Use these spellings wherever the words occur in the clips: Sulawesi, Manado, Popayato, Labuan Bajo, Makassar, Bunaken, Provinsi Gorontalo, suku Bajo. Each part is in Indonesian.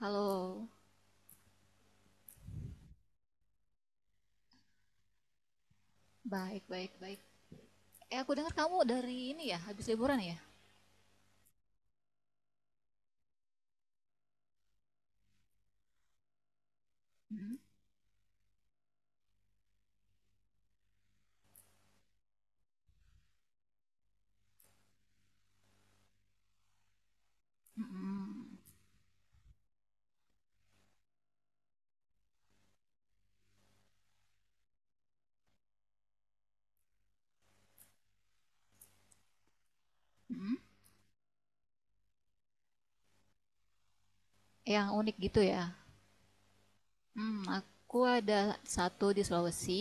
Halo, baik baik baik. Eh, aku dengar kamu dari ini ya, habis liburan ya? Mhm, mhm, mhm. Yang unik gitu ya. Aku ada satu di Sulawesi,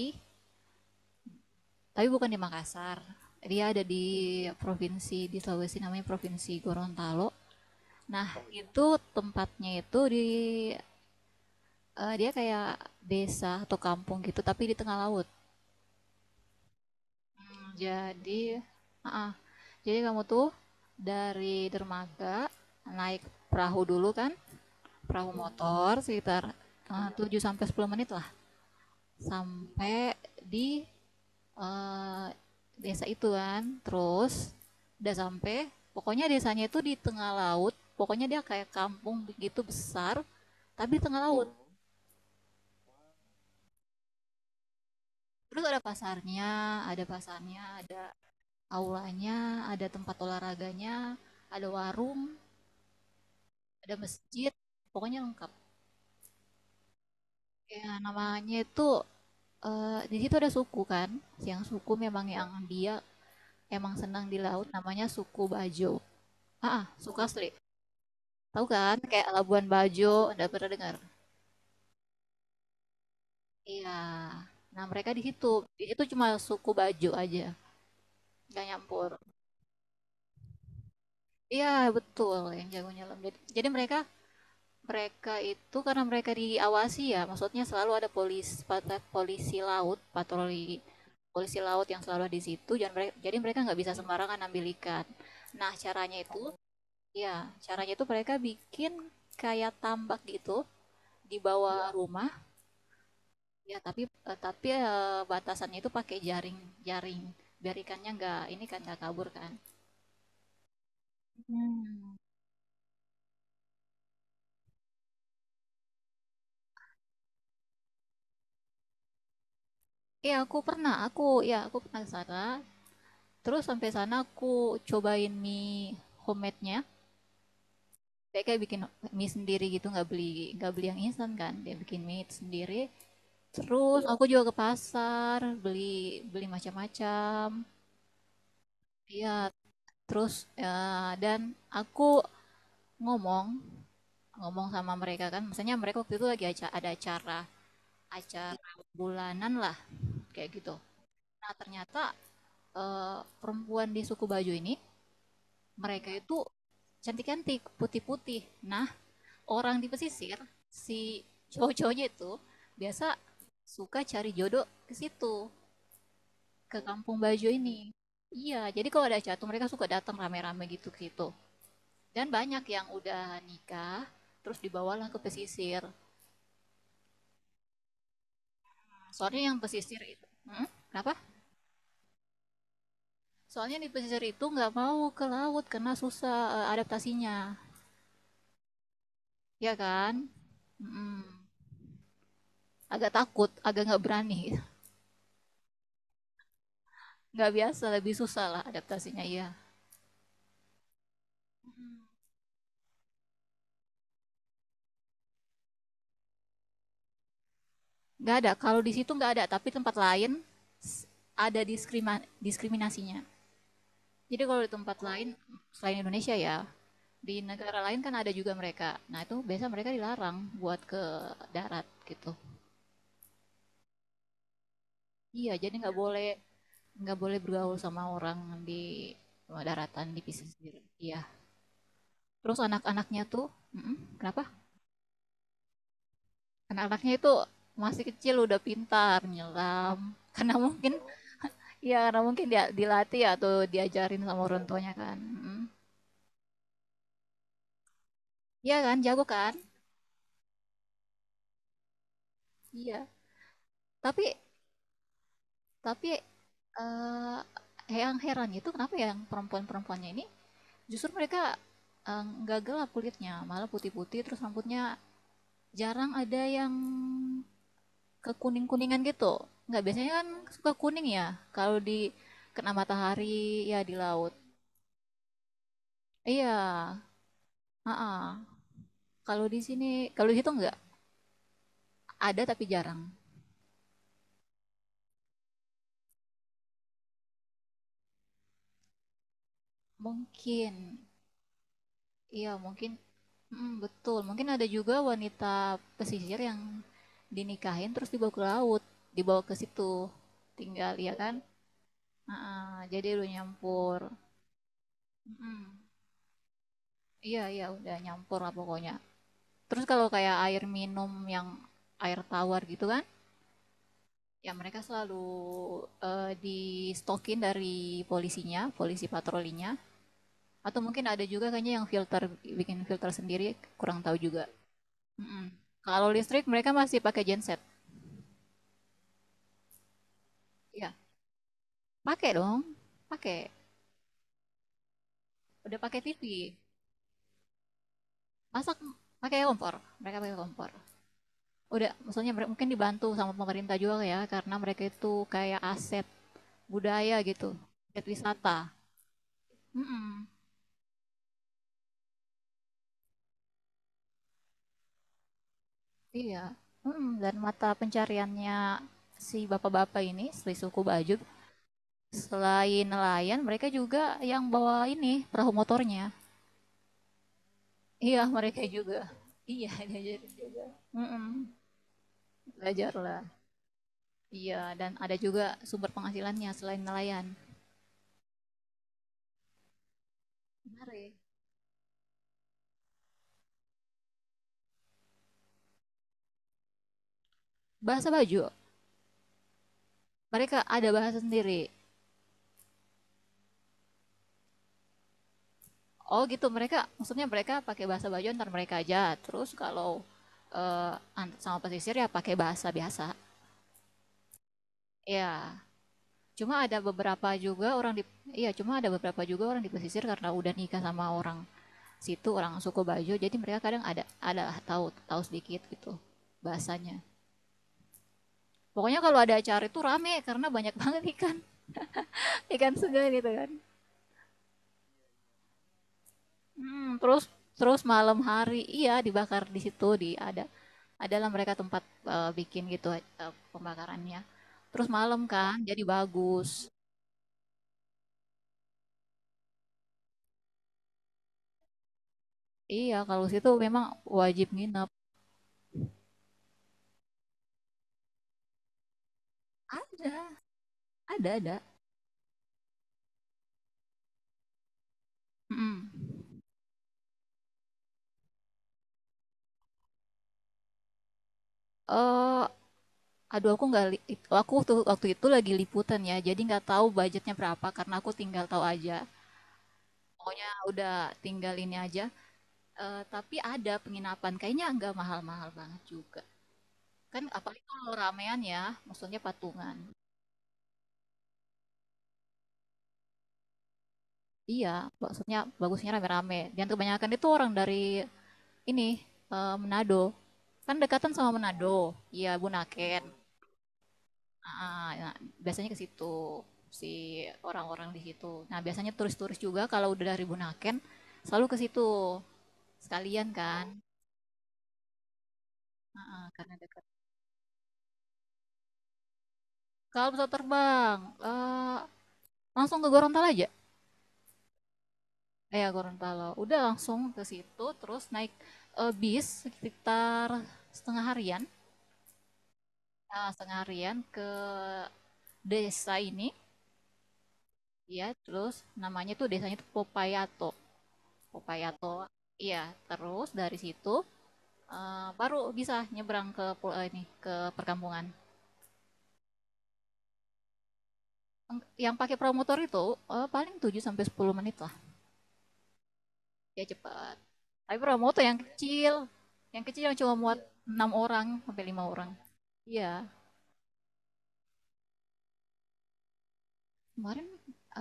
tapi bukan di Makassar. Dia ada di provinsi di Sulawesi namanya Provinsi Gorontalo. Nah, oh iya, itu tempatnya itu dia kayak desa atau kampung gitu, tapi di tengah laut. Hmm, Jadi, Jadi, kamu tuh dari dermaga naik perahu dulu kan, perahu motor sekitar 7 sampai 10 menit lah sampai di eh, desa itu kan. Terus udah sampai pokoknya desanya itu di tengah laut, pokoknya dia kayak kampung begitu besar tapi di tengah laut. Terus ada pasarnya, ada aulanya, ada tempat olahraganya, ada warung, ada masjid, pokoknya lengkap. Ya, namanya itu di situ ada suku kan. Yang suku memang yang dia emang senang di laut namanya suku Bajo. Ah, ah, suku asli. Tahu kan kayak Labuan Bajo, udah pernah dengar? Iya. Nah, mereka di situ. Di situ cuma suku Bajo aja, nggak nyampur. Iya, betul yang jago nyelam. Jadi, mereka mereka itu karena mereka diawasi ya, maksudnya selalu ada polisi laut, patroli polisi laut yang selalu ada di situ, jadi mereka nggak bisa sembarangan ambil ikan. Nah, ya caranya itu mereka bikin kayak tambak gitu di bawah rumah, ya. Tapi, batasannya itu pakai jaring jaring biar ikannya nggak ini kan nggak kabur kan. Iya aku pernah ke sana. Terus sampai sana aku cobain mie homemade-nya. Dia kayak bikin mie sendiri gitu, nggak beli yang instan kan. Dia bikin mie sendiri. Terus aku juga ke pasar beli beli macam-macam. Iya, terus ya, dan aku ngomong ngomong sama mereka kan, misalnya mereka waktu itu lagi ada acara acara bulanan lah kayak gitu. Nah ternyata eh, perempuan di suku Bajo ini mereka itu cantik-cantik, putih-putih. Nah orang di pesisir, si cowok-cowoknya itu biasa suka cari jodoh ke situ, ke Kampung Bajo ini. Iya, jadi kalau ada jatuh mereka suka datang rame-rame gitu-gitu. Dan banyak yang udah nikah, terus dibawalah ke pesisir. Soalnya yang pesisir itu, hmm? Kenapa? Soalnya di pesisir itu nggak mau ke laut karena susah adaptasinya, ya kan? Mm-mm. Agak takut, agak nggak berani, nggak biasa, lebih susah lah adaptasinya ya. Nggak ada, kalau di situ nggak ada, tapi tempat lain s- ada diskriminasinya. Jadi kalau di tempat lain selain Indonesia ya, di negara lain kan ada juga mereka. Nah itu biasa mereka dilarang buat ke darat gitu. Iya, jadi nggak boleh bergaul sama orang di daratan di pesisir sendiri. Iya. Terus anak-anaknya tuh, mm-mm, kenapa? Anak-anaknya itu masih kecil udah pintar nyelam. Karena mungkin, karena mungkin dia dilatih atau diajarin sama orang tuanya kan. Mm-mm. Iya kan, jago kan? Iya. Tapi tapi, yang heran itu kenapa yang perempuan-perempuannya ini justru mereka nggak gelap kulitnya, malah putih-putih, terus rambutnya jarang ada yang kekuning-kuningan gitu, nggak biasanya kan suka kuning ya kalau di kena matahari, ya di laut. Iya ha-ha. Kalau di sini, kalau di situ nggak ada tapi jarang, mungkin iya mungkin. Mm, betul, mungkin ada juga wanita pesisir yang dinikahin terus dibawa ke laut, dibawa ke situ tinggal, ya kan. Ah, ah, jadi lu nyampur. Mm. Iya, iya, udah nyampur lah pokoknya. Terus kalau kayak air minum yang air tawar gitu kan, ya mereka selalu di stokin dari polisinya, polisi patrolinya. Atau mungkin ada juga kayaknya yang filter, bikin filter sendiri, kurang tahu juga. Mm-mm. Kalau listrik mereka masih pakai genset. Iya, pakai dong, pakai. Udah pakai TV. Masak pakai kompor, mereka pakai kompor. Udah, maksudnya mungkin dibantu sama pemerintah juga ya, karena mereka itu kayak AC budaya gitu, objek wisata. Mm-mm, iya. Mm-mm, dan mata pencariannya si bapak-bapak ini, si suku Bajuk, selain nelayan, mereka juga yang bawa ini perahu motornya. Iya, mereka juga. Iya, diajar juga. Mm-mm, belajar lah. Iya, dan ada juga sumber penghasilannya selain nelayan. Menarik. Bahasa Bajo, mereka ada bahasa sendiri. Oh gitu, mereka maksudnya mereka pakai bahasa Bajo antar mereka aja. Terus kalau eh, sama pesisir ya pakai bahasa biasa. Ya, cuma ada beberapa juga orang di iya, cuma ada beberapa juga orang di pesisir karena udah nikah sama orang situ, orang suku Bajo, jadi mereka kadang ada tahu tahu sedikit gitu bahasanya. Pokoknya kalau ada acara itu rame karena banyak banget ikan ikan segar gitu kan. Mhm, terus terus malam hari iya, dibakar di situ, di ada adalah mereka tempat, bikin gitu, pembakarannya. Terus malam kan, jadi bagus. Iya, kalau situ memang wajib nginep. Ada ada, mhm. Eee, aduh, aku nggak li it aku tuh waktu itu lagi liputan ya, jadi nggak tahu budgetnya berapa karena aku tinggal tahu aja. Pokoknya udah tinggal ini aja, tapi ada penginapan, kayaknya nggak mahal-mahal banget juga. Kan apalagi kalau ramean ya, maksudnya patungan. Iya, maksudnya bagusnya rame-rame. Dan kebanyakan itu orang dari ini Manado. Kan dekatan sama Manado. Iya, Bunaken. Ah, nah, biasanya ke situ si orang-orang di situ. Nah, biasanya turis-turis juga kalau udah dari Bunaken selalu ke situ sekalian kan. Ah, ah, karena dekat. Kalau pesawat terbang, eh, langsung ke Gorontalo aja. Iya, Gorontalo. Udah langsung ke situ, terus naik bis sekitar setengah harian. Nah, setengah harian ke desa ini, ya. Terus namanya tuh desanya tuh Popayato. Popayato. Iya, terus dari situ baru bisa nyebrang ke pul- eh, ini ke perkampungan. Yang pakai promotor itu paling 7 sampai 10 menit lah. Ya cepat. Tapi promotor yang kecil, yang cuma muat 6 orang sampai lima orang. Iya. Kemarin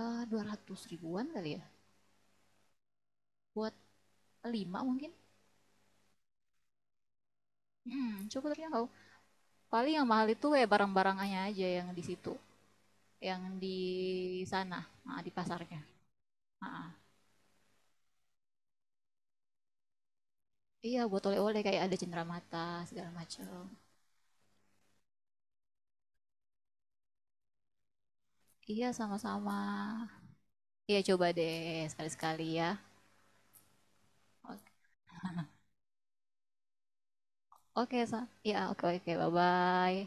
200 ribuan kali ya buat lima mungkin. Coba terjangkau, paling yang mahal itu ya barang-barangnya aja yang di situ, yang di sana, ah, di pasarnya. Ah, ah. Iya, buat oleh-oleh kayak ada cenderamata segala macam. Iya, sama-sama. Iya, coba deh sekali-sekali ya. Oke, oke, Sa. Iya, oke oke, bye bye.